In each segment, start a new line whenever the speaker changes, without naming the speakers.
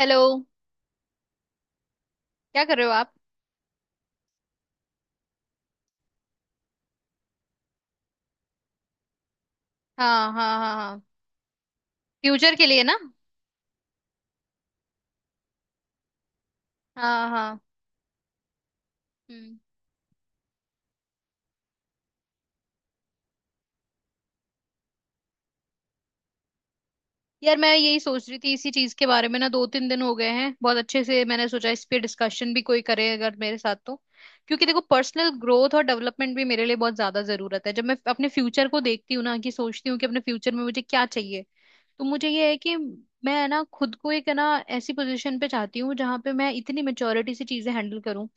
Hello. क्या कर रहे हो आप। हाँ हाँ हाँ हाँ। फ्यूचर के लिए ना। हाँ हाँ। हम्म। यार मैं यही सोच रही थी इसी चीज के बारे में ना, 2-3 दिन हो गए हैं। बहुत अच्छे से मैंने सोचा, इस पे डिस्कशन भी कोई करे अगर मेरे साथ तो। क्योंकि देखो, पर्सनल ग्रोथ और डेवलपमेंट भी मेरे लिए बहुत ज्यादा जरूरत है। जब मैं अपने फ्यूचर को देखती हूँ ना, कि सोचती हूँ कि अपने फ्यूचर में मुझे क्या चाहिए, तो मुझे ये है कि मैं है ना खुद को एक है ना ऐसी पोजीशन पे चाहती हूँ जहां पे मैं इतनी मेच्योरिटी से चीजें हैंडल करूँ।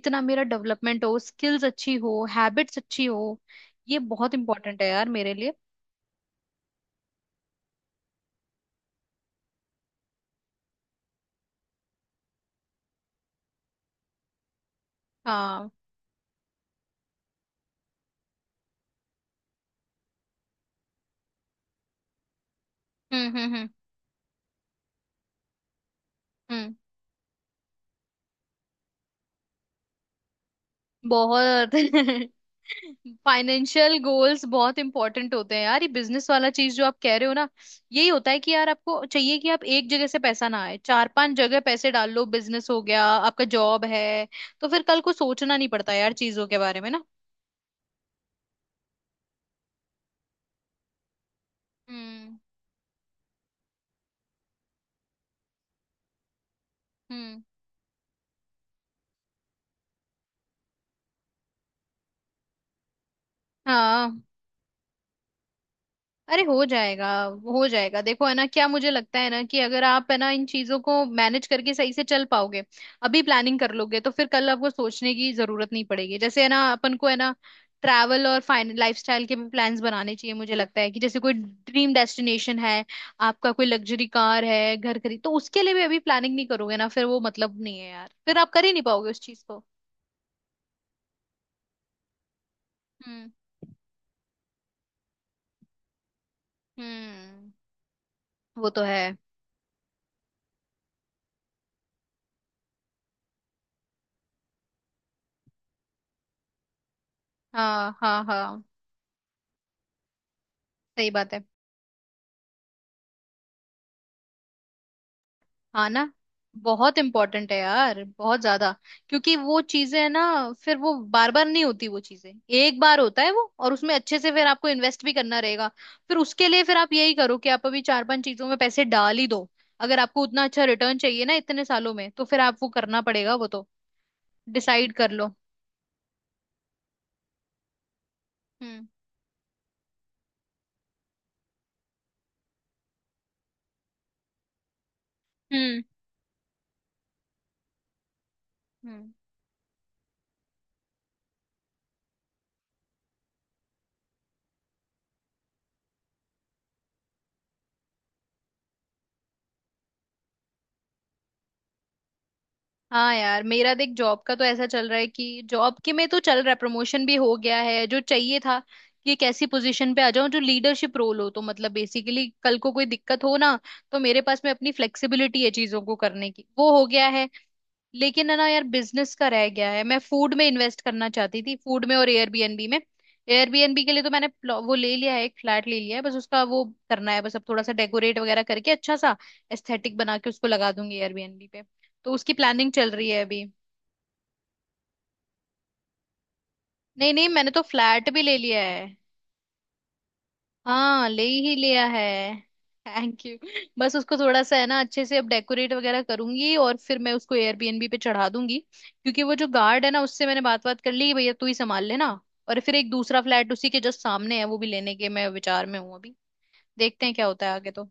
इतना मेरा डेवलपमेंट हो, स्किल्स अच्छी हो, हैबिट्स अच्छी हो। ये बहुत इंपॉर्टेंट है यार मेरे लिए। हाँ। हम्म हम्म हम्म हम्म बहुत फाइनेंशियल गोल्स बहुत इंपॉर्टेंट होते हैं यार। ये बिजनेस वाला चीज जो आप कह रहे हो ना, यही होता है कि यार आपको चाहिए कि आप एक जगह से पैसा ना आए, 4-5 जगह पैसे डाल लो। बिजनेस हो गया आपका, जॉब है, तो फिर कल को सोचना नहीं पड़ता यार चीजों के बारे में ना। हम्म। हम्म। हाँ। अरे, हो जाएगा। हो जाएगा देखो, है ना, क्या मुझे लगता है ना कि अगर आप है ना इन चीजों को मैनेज करके सही से चल पाओगे, अभी प्लानिंग कर लोगे, तो फिर कल आपको सोचने की जरूरत नहीं पड़ेगी, जैसे है ना अपन को है ना। ट्रैवल और फाइन लाइफस्टाइल के भी प्लान्स बनाने चाहिए, मुझे लगता है। कि जैसे कोई ड्रीम डेस्टिनेशन है आपका, कोई लग्जरी कार है, घर खरीद, तो उसके लिए भी अभी प्लानिंग नहीं करोगे ना, फिर वो मतलब नहीं है यार, फिर आप कर ही नहीं पाओगे उस चीज को। हम्म। हम्म। वो तो है। हाँ हाँ हाँ। सही बात है। हाँ ना। बहुत इम्पोर्टेंट है यार, बहुत ज्यादा। क्योंकि वो चीजें है ना, फिर वो बार बार नहीं होती वो चीजें। एक बार होता है वो, और उसमें अच्छे से फिर आपको इन्वेस्ट भी करना रहेगा। फिर उसके लिए फिर आप यही करो कि आप अभी 4-5 चीजों में पैसे डाल ही दो। अगर आपको उतना अच्छा रिटर्न चाहिए ना इतने सालों में, तो फिर आप वो करना पड़ेगा, वो तो डिसाइड कर लो। हम्म हम्म हम्म हाँ यार, मेरा देख जॉब का तो ऐसा चल रहा है कि जॉब के में तो चल रहा है, प्रमोशन भी हो गया है जो चाहिए था, कि एक ऐसी पोजीशन पे आ जाऊं जो लीडरशिप रोल हो, तो मतलब बेसिकली कल को कोई दिक्कत हो ना, तो मेरे पास में अपनी फ्लेक्सिबिलिटी है चीजों को करने की, वो हो गया है। लेकिन है ना यार, बिजनेस का रह गया है। मैं फूड में इन्वेस्ट करना चाहती थी, फूड में और एयरबीएनबी में। एयरबीएनबी के लिए तो मैंने वो ले लिया है, एक फ्लैट ले लिया है, बस उसका वो करना है। बस अब थोड़ा सा डेकोरेट वगैरह करके अच्छा सा एस्थेटिक बना के उसको लगा दूंगी एयरबीएनबी पे। तो उसकी प्लानिंग चल रही है अभी। नहीं नहीं, मैंने तो फ्लैट भी ले लिया है। हाँ, ले ही लिया है। Thank you. बस उसको थोड़ा सा है ना अच्छे से अब डेकोरेट वगैरह करूंगी, और फिर मैं उसको एयरबीएनबी पे चढ़ा दूंगी, क्योंकि वो जो गार्ड है ना, उससे मैंने बात बात कर ली कि भैया तू ही संभाल लेना। और फिर एक दूसरा फ्लैट उसी के जस्ट सामने है, वो भी लेने के मैं विचार में हूँ अभी। देखते हैं क्या होता है आगे तो।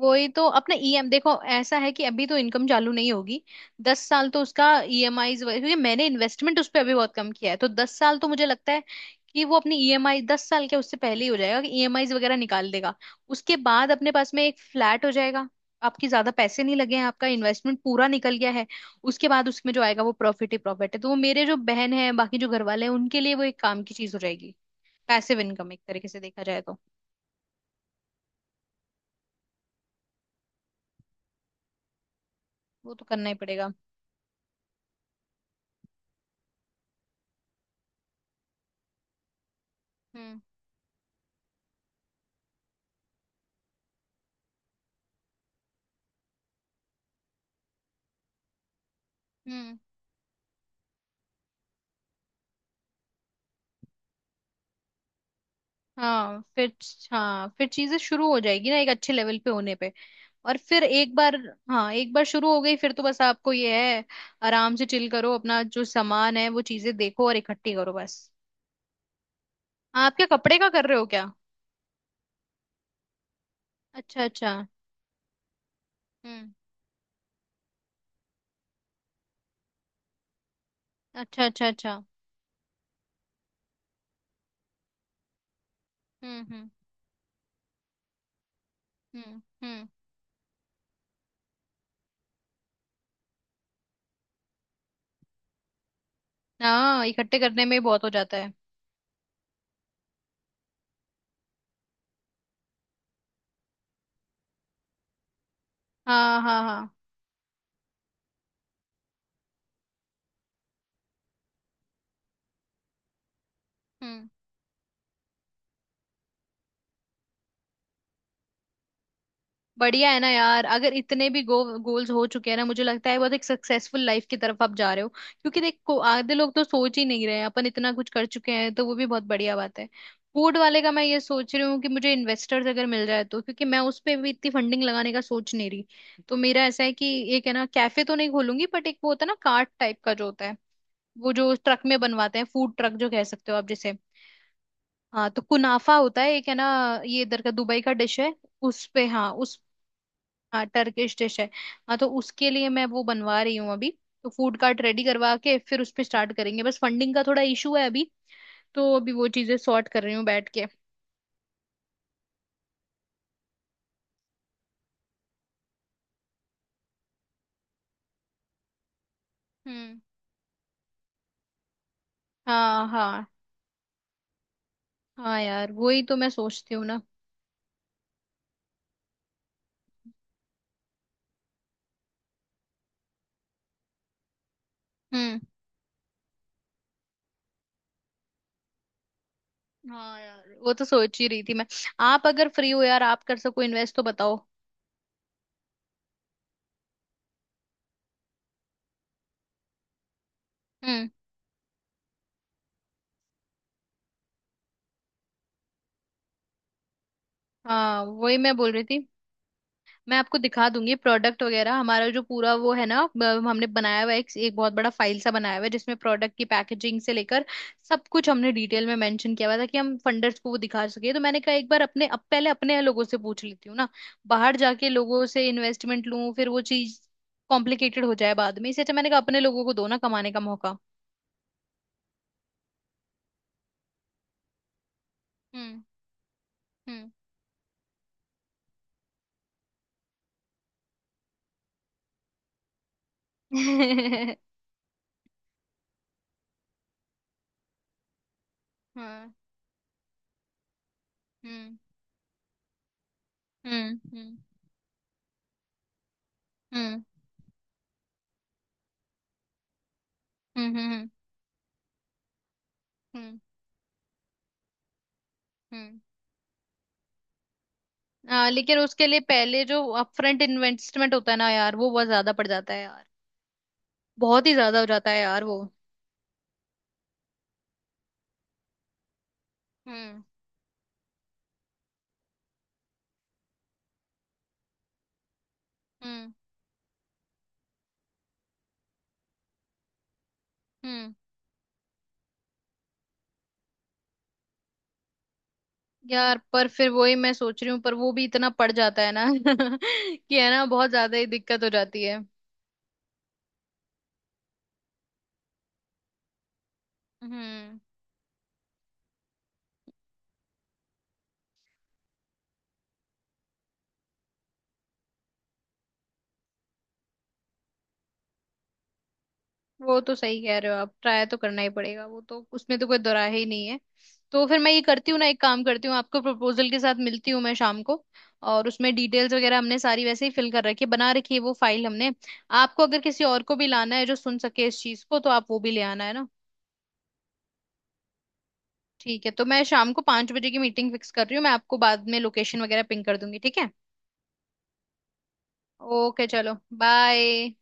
वही तो, अपना ईएम, देखो ऐसा है कि अभी तो इनकम चालू नहीं होगी। 10 साल तो उसका ईएमआई, क्योंकि मैंने इन्वेस्टमेंट उस पर अभी बहुत कम किया है, तो 10 साल तो मुझे लगता है कि वो अपनी ईएमआई 10 साल के उससे पहले ही हो जाएगा, कि ईएमआईज वगैरह निकाल देगा। उसके बाद अपने पास में एक फ्लैट हो जाएगा। आपकी ज्यादा पैसे नहीं लगे हैं, आपका इन्वेस्टमेंट पूरा निकल गया है। उसके बाद उसमें जो आएगा वो प्रॉफिट ही प्रॉफिट है। तो वो मेरे जो बहन है, बाकी जो घर वाले हैं, उनके लिए वो एक काम की चीज हो जाएगी। पैसिव इनकम एक तरीके से देखा जाए तो। वो तो करना ही पड़ेगा। हम्म। हम्म। हाँ फिर। हाँ फिर चीजें शुरू हो जाएगी ना, एक अच्छे लेवल पे होने पे। और फिर एक बार, हाँ एक बार शुरू हो गई, फिर तो बस आपको ये है, आराम से चिल करो, अपना जो सामान है वो चीजें देखो और इकट्ठी करो बस। आप क्या, कपड़े का कर रहे हो क्या? अच्छा अच्छा। हम्म। अच्छा अच्छा अच्छा। हम्म हम्म हम्म हम्म हाँ, इकट्ठे करने में ही बहुत हो जाता है। हाँ हाँ हाँ। हम्म। बढ़िया है ना यार, अगर इतने भी गोल्स हो चुके हैं ना, मुझे लगता है बहुत एक सक्सेसफुल लाइफ की तरफ आप जा रहे हो, क्योंकि देखो आधे लोग तो सोच ही नहीं रहे, अपन इतना कुछ कर चुके हैं, तो वो भी बहुत बढ़िया बात है। फूड वाले का मैं ये सोच रही हूँ कि मुझे इन्वेस्टर्स अगर मिल जाए तो, क्योंकि मैं उस पे भी इतनी फंडिंग लगाने का सोच नहीं रही। तो मेरा ऐसा है कि एक है ना, कैफे तो नहीं खोलूंगी, बट एक वो होता है ना कार्ट टाइप का जो होता है, वो जो ट्रक में बनवाते हैं, फूड ट्रक जो कह सकते हो आप जिसे। हाँ, तो कुनाफा होता है एक है ना, ये इधर का दुबई का डिश है। उस पे, हाँ उस, हाँ टर्किश डिश है। हाँ, तो उसके लिए मैं वो बनवा रही हूँ अभी। तो फूड कार्ट रेडी करवा के फिर उस पे स्टार्ट करेंगे, बस फंडिंग का थोड़ा इशू है अभी। तो अभी वो चीजें सॉर्ट कर रही हूँ बैठ के। हम्म। हाँ हाँ। हाँ यार, वही तो मैं सोचती हूँ ना। हम्म। हाँ यार, वो तो सोच ही रही थी मैं। आप अगर फ्री हो यार, आप कर सको इन्वेस्ट तो बताओ। हम्म। हाँ, वही मैं बोल रही थी। मैं आपको दिखा दूंगी प्रोडक्ट वगैरह। हमारा जो पूरा वो है ना, हमने बनाया हुआ है, एक बहुत बड़ा फाइल सा बनाया हुआ है, जिसमें प्रोडक्ट की पैकेजिंग से लेकर सब कुछ हमने डिटेल में मेंशन किया हुआ था, कि हम फंडर्स को वो दिखा सके। तो मैंने कहा, एक बार अपने, अब पहले अपने लोगों से पूछ लेती हूँ ना, बाहर जाके लोगों से इन्वेस्टमेंट लूं फिर वो चीज कॉम्प्लिकेटेड हो जाए बाद में। इससे अच्छा मैंने कहा अपने लोगों को दो ना कमाने का मौका। हम्म। हम्म। हम्म। हाँ। हम्म हम्म हम्म हम्म हम्म हम्म हम्म हम्म, आ, लेकिन उसके लिए पहले जो अपफ्रंट इन्वेस्टमेंट होता है ना यार, वो बहुत ज्यादा पड़ जाता है यार, बहुत ही ज्यादा हो जाता है यार वो। हम्म। हम्म। हम्म। यार पर फिर वही मैं सोच रही हूँ, पर वो भी इतना पड़ जाता है ना कि है ना बहुत ज्यादा ही दिक्कत हो जाती है। हम्म। वो तो सही कह रहे हो आप, ट्राई तो करना ही पड़ेगा वो तो, उसमें तो कोई दो राय ही नहीं है। तो फिर मैं ये करती हूँ ना, एक काम करती हूँ, आपको प्रपोजल के साथ मिलती हूँ मैं शाम को, और उसमें डिटेल्स वगैरह हमने सारी वैसे ही फिल कर रखी है, बना रखी है वो फाइल हमने। आपको अगर किसी और को भी लाना है जो सुन सके इस चीज को, तो आप वो भी ले आना, है ना। ठीक है, तो मैं शाम को 5 बजे की मीटिंग फिक्स कर रही हूँ। मैं आपको बाद में लोकेशन वगैरह पिंग कर दूंगी, ठीक है। ओके चलो। बाय।